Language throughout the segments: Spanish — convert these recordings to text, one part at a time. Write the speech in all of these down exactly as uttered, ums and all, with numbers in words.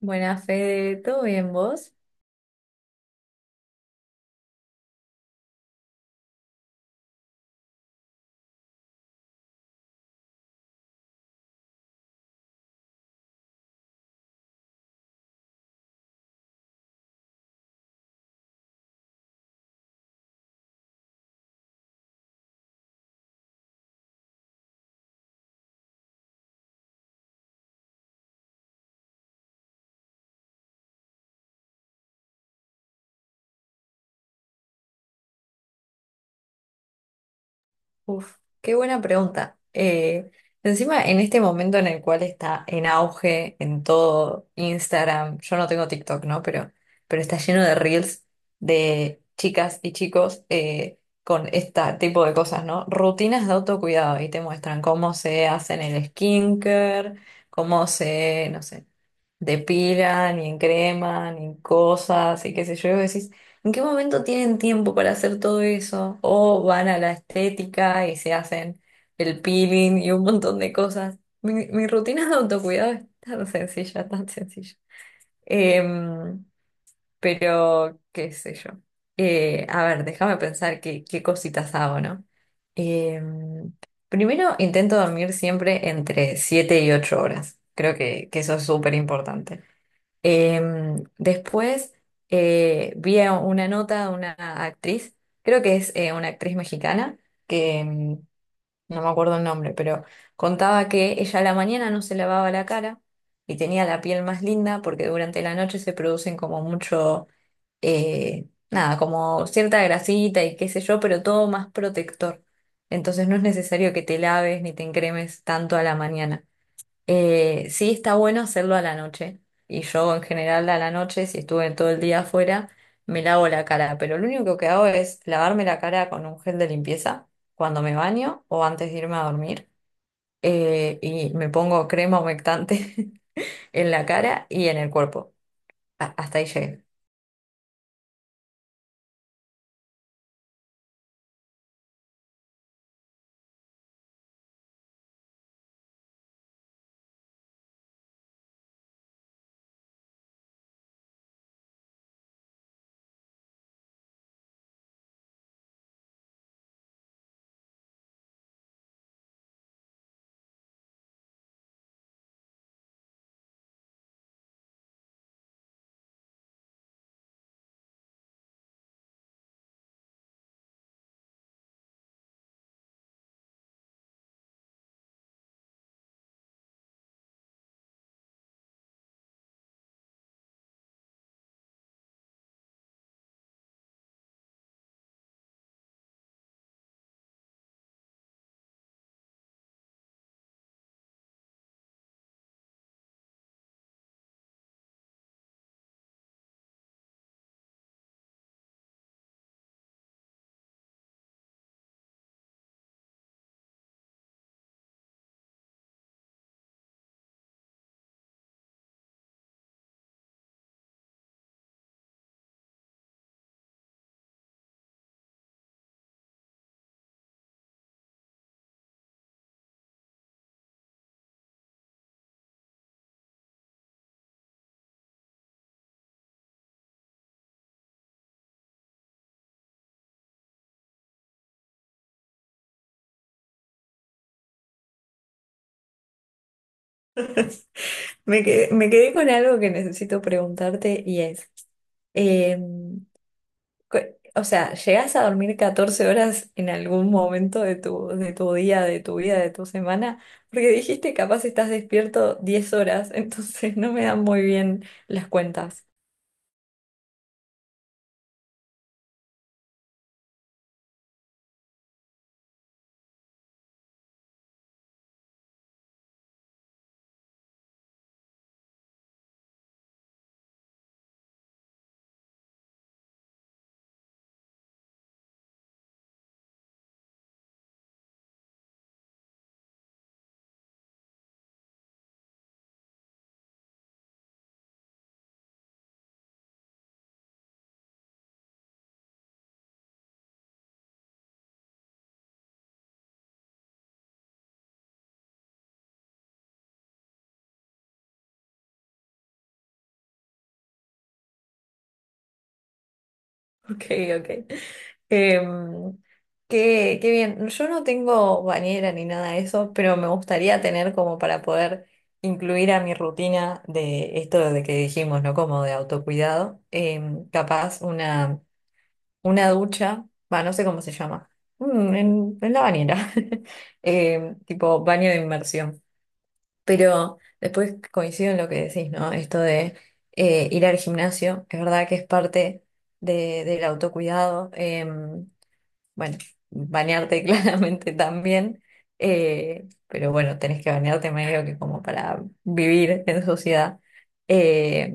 Buenas, Fede, ¿todo bien vos? Uf, qué buena pregunta. Eh, encima, en este momento en el cual está en auge en todo Instagram, yo no tengo TikTok, ¿no? Pero, pero está lleno de reels de chicas y chicos eh, con este tipo de cosas, ¿no? Rutinas de autocuidado y te muestran cómo se hacen el skincare, cómo se, no sé. De pila, ni en crema, ni en cosas, y qué sé yo, y vos decís, ¿en qué momento tienen tiempo para hacer todo eso? O van a la estética y se hacen el peeling y un montón de cosas. Mi, mi rutina de autocuidado es tan sencilla, tan sencilla. Em, pero, qué sé yo. Eh, a ver, déjame pensar qué, qué cositas hago, ¿no? Em, Primero intento dormir siempre entre siete y ocho horas. Creo que, que eso es súper importante. Em, después eh, vi a una nota de una actriz, creo que es eh, una actriz mexicana, que em, no me acuerdo el nombre, pero contaba que ella a la mañana no se lavaba la cara y tenía la piel más linda porque durante la noche se producen como mucho, eh, nada, como cierta grasita y qué sé yo, pero todo más protector. Entonces no es necesario que te laves ni te encremes tanto a la mañana. Eh, sí, está bueno hacerlo a la noche. Y yo en general a la noche, si estuve todo el día afuera, me lavo la cara. Pero lo único que hago es lavarme la cara con un gel de limpieza cuando me baño o antes de irme a dormir. Eh, y me pongo crema humectante en la cara y en el cuerpo. A- hasta ahí llegué. Me quedé, me quedé con algo que necesito preguntarte y es, em, cu- o sea, ¿llegás a dormir catorce horas en algún momento de tu, de tu día, de tu vida, de tu semana? Porque dijiste capaz estás despierto diez horas, entonces no me dan muy bien las cuentas. Ok, ok. Em, Qué, qué bien. Yo no tengo bañera ni nada de eso, pero me gustaría tener como para poder incluir a mi rutina de esto de que dijimos, ¿no? Como de autocuidado. Em, capaz una una ducha, va, no sé cómo se llama, mm, en, en la bañera, eh, tipo baño de inmersión. Pero después coincido en lo que decís, ¿no? Esto de eh, ir al gimnasio, es verdad que es parte de- del autocuidado. Eh, bueno, bañarte claramente también, eh, pero bueno, tenés que bañarte medio que como para vivir en sociedad. Eh,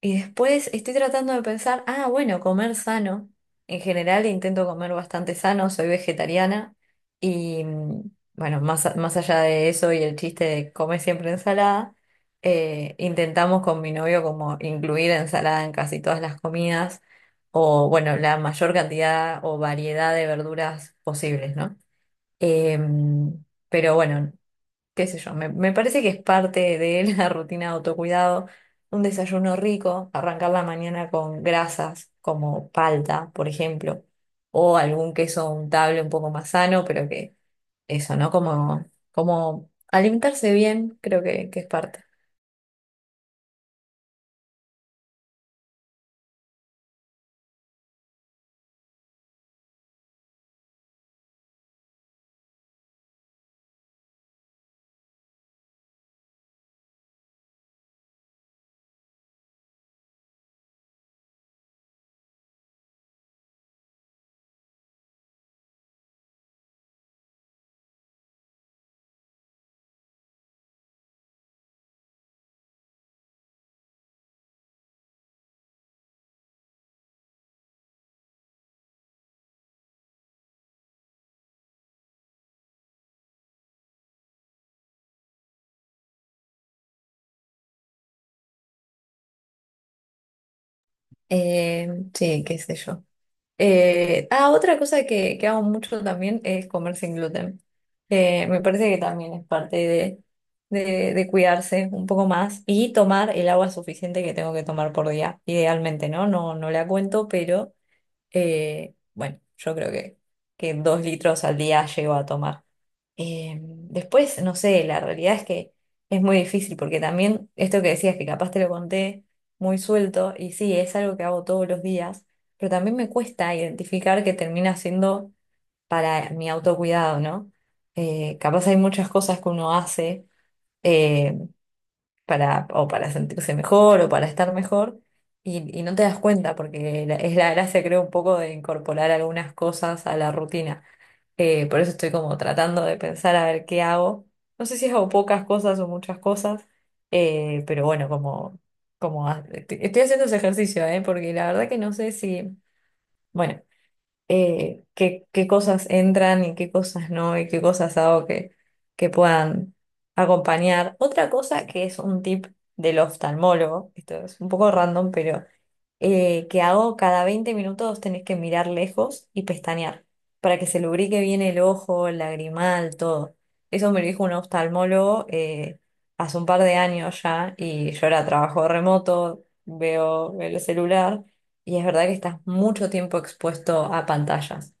y después estoy tratando de pensar, ah, bueno, comer sano. En general intento comer bastante sano, soy vegetariana y mm, bueno, más, a- más allá de eso y el chiste de comer siempre ensalada, eh, intentamos con mi novio como incluir ensalada en casi todas las comidas o bueno, la mayor cantidad o variedad de verduras posibles, ¿no? Em, pero bueno, qué sé yo, me, me parece que es parte de la rutina de autocuidado, un desayuno rico, arrancar la mañana con grasas como palta, por ejemplo, o algún queso untable un poco más sano, pero que eso, ¿no? Como, como alimentarse bien, creo que, que es parte. Em, sí, qué sé yo. Eh, ah, otra cosa que, que hago mucho también es comer sin gluten. Eh, me parece que también es parte de, de, de cuidarse un poco más y tomar el agua suficiente que tengo que tomar por día, idealmente, ¿no? No, no la cuento, pero eh, bueno, yo creo que, que dos litros al día llego a tomar. Eh, después, no sé, la realidad es que es muy difícil porque también esto que decías, que capaz te lo conté muy suelto, y sí, es algo que hago todos los días, pero también me cuesta identificar que termina siendo para mi autocuidado, ¿no? Eh, capaz hay muchas cosas que uno hace. eh, para, o para sentirse mejor o para estar mejor y, y no te das cuenta porque la- es la gracia, creo, un poco de incorporar algunas cosas a la rutina. Eh, por eso estoy como tratando de pensar a ver qué hago. No sé si hago pocas cosas o muchas cosas, eh, pero bueno, como, como ha- estoy estoy haciendo ese ejercicio, eh, porque la verdad que no sé si, bueno eh, qué, qué cosas entran y qué cosas no, y qué cosas hago que, que puedan acompañar. Otra cosa que es un tip del oftalmólogo, esto es un poco random, pero eh, que hago cada veinte minutos tenés que mirar lejos y pestañear para que se lubrique bien el ojo, el lagrimal, todo. Eso me lo dijo un oftalmólogo eh, hace un par de años ya y yo ahora trabajo remoto, veo el celular. Y es verdad que estás mucho tiempo expuesto a pantallas.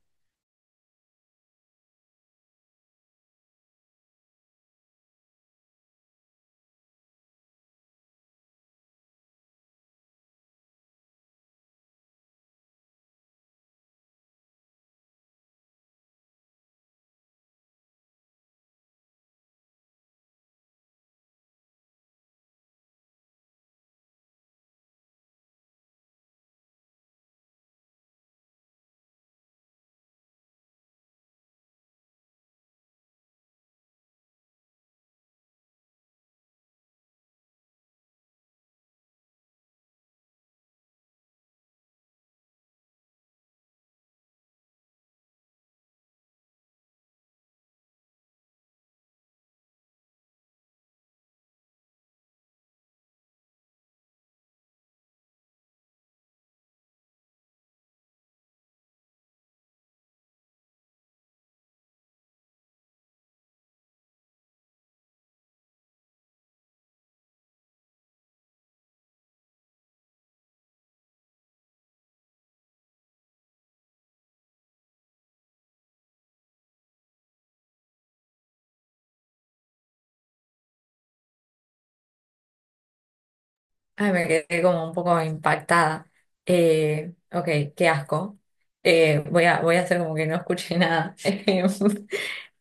Ay, me quedé como un poco impactada. Eh, ok, qué asco. Eh, voy a, voy a hacer como que no escuché nada. Em,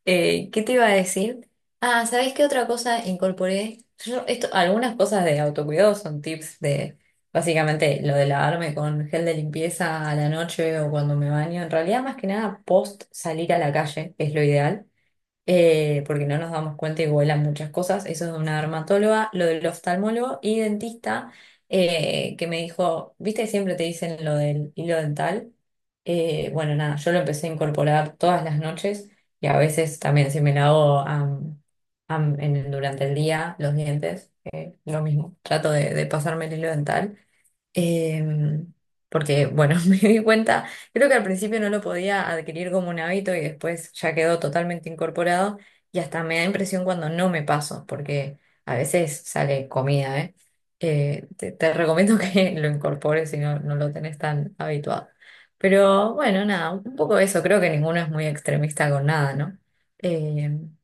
Eh, ¿Qué te iba a decir? Ah, ¿sabés qué otra cosa incorporé? Yo, esto, algunas cosas de autocuidado son tips de básicamente lo de lavarme con gel de limpieza a la noche o cuando me baño. En realidad, más que nada, post salir a la calle es lo ideal. Eh, porque no nos damos cuenta y vuelan muchas cosas. Eso es de una dermatóloga, lo del oftalmólogo y dentista, eh, que me dijo, viste, que siempre te dicen lo del hilo dental. Eh, bueno, nada, yo lo empecé a incorporar todas las noches y a veces también si me lavo am, am, en- durante el día los dientes, eh, lo mismo, trato de, de pasarme el hilo dental. Em, Porque, bueno, me di cuenta, creo que al principio no lo podía adquirir como un hábito y después ya quedó totalmente incorporado y hasta me da impresión cuando no me paso, porque a veces sale comida, ¿eh? Eh, te, te recomiendo que lo incorpores si no, no lo tenés tan habituado. Pero bueno, nada, un poco eso, creo que ninguno es muy extremista con nada, ¿no? Em,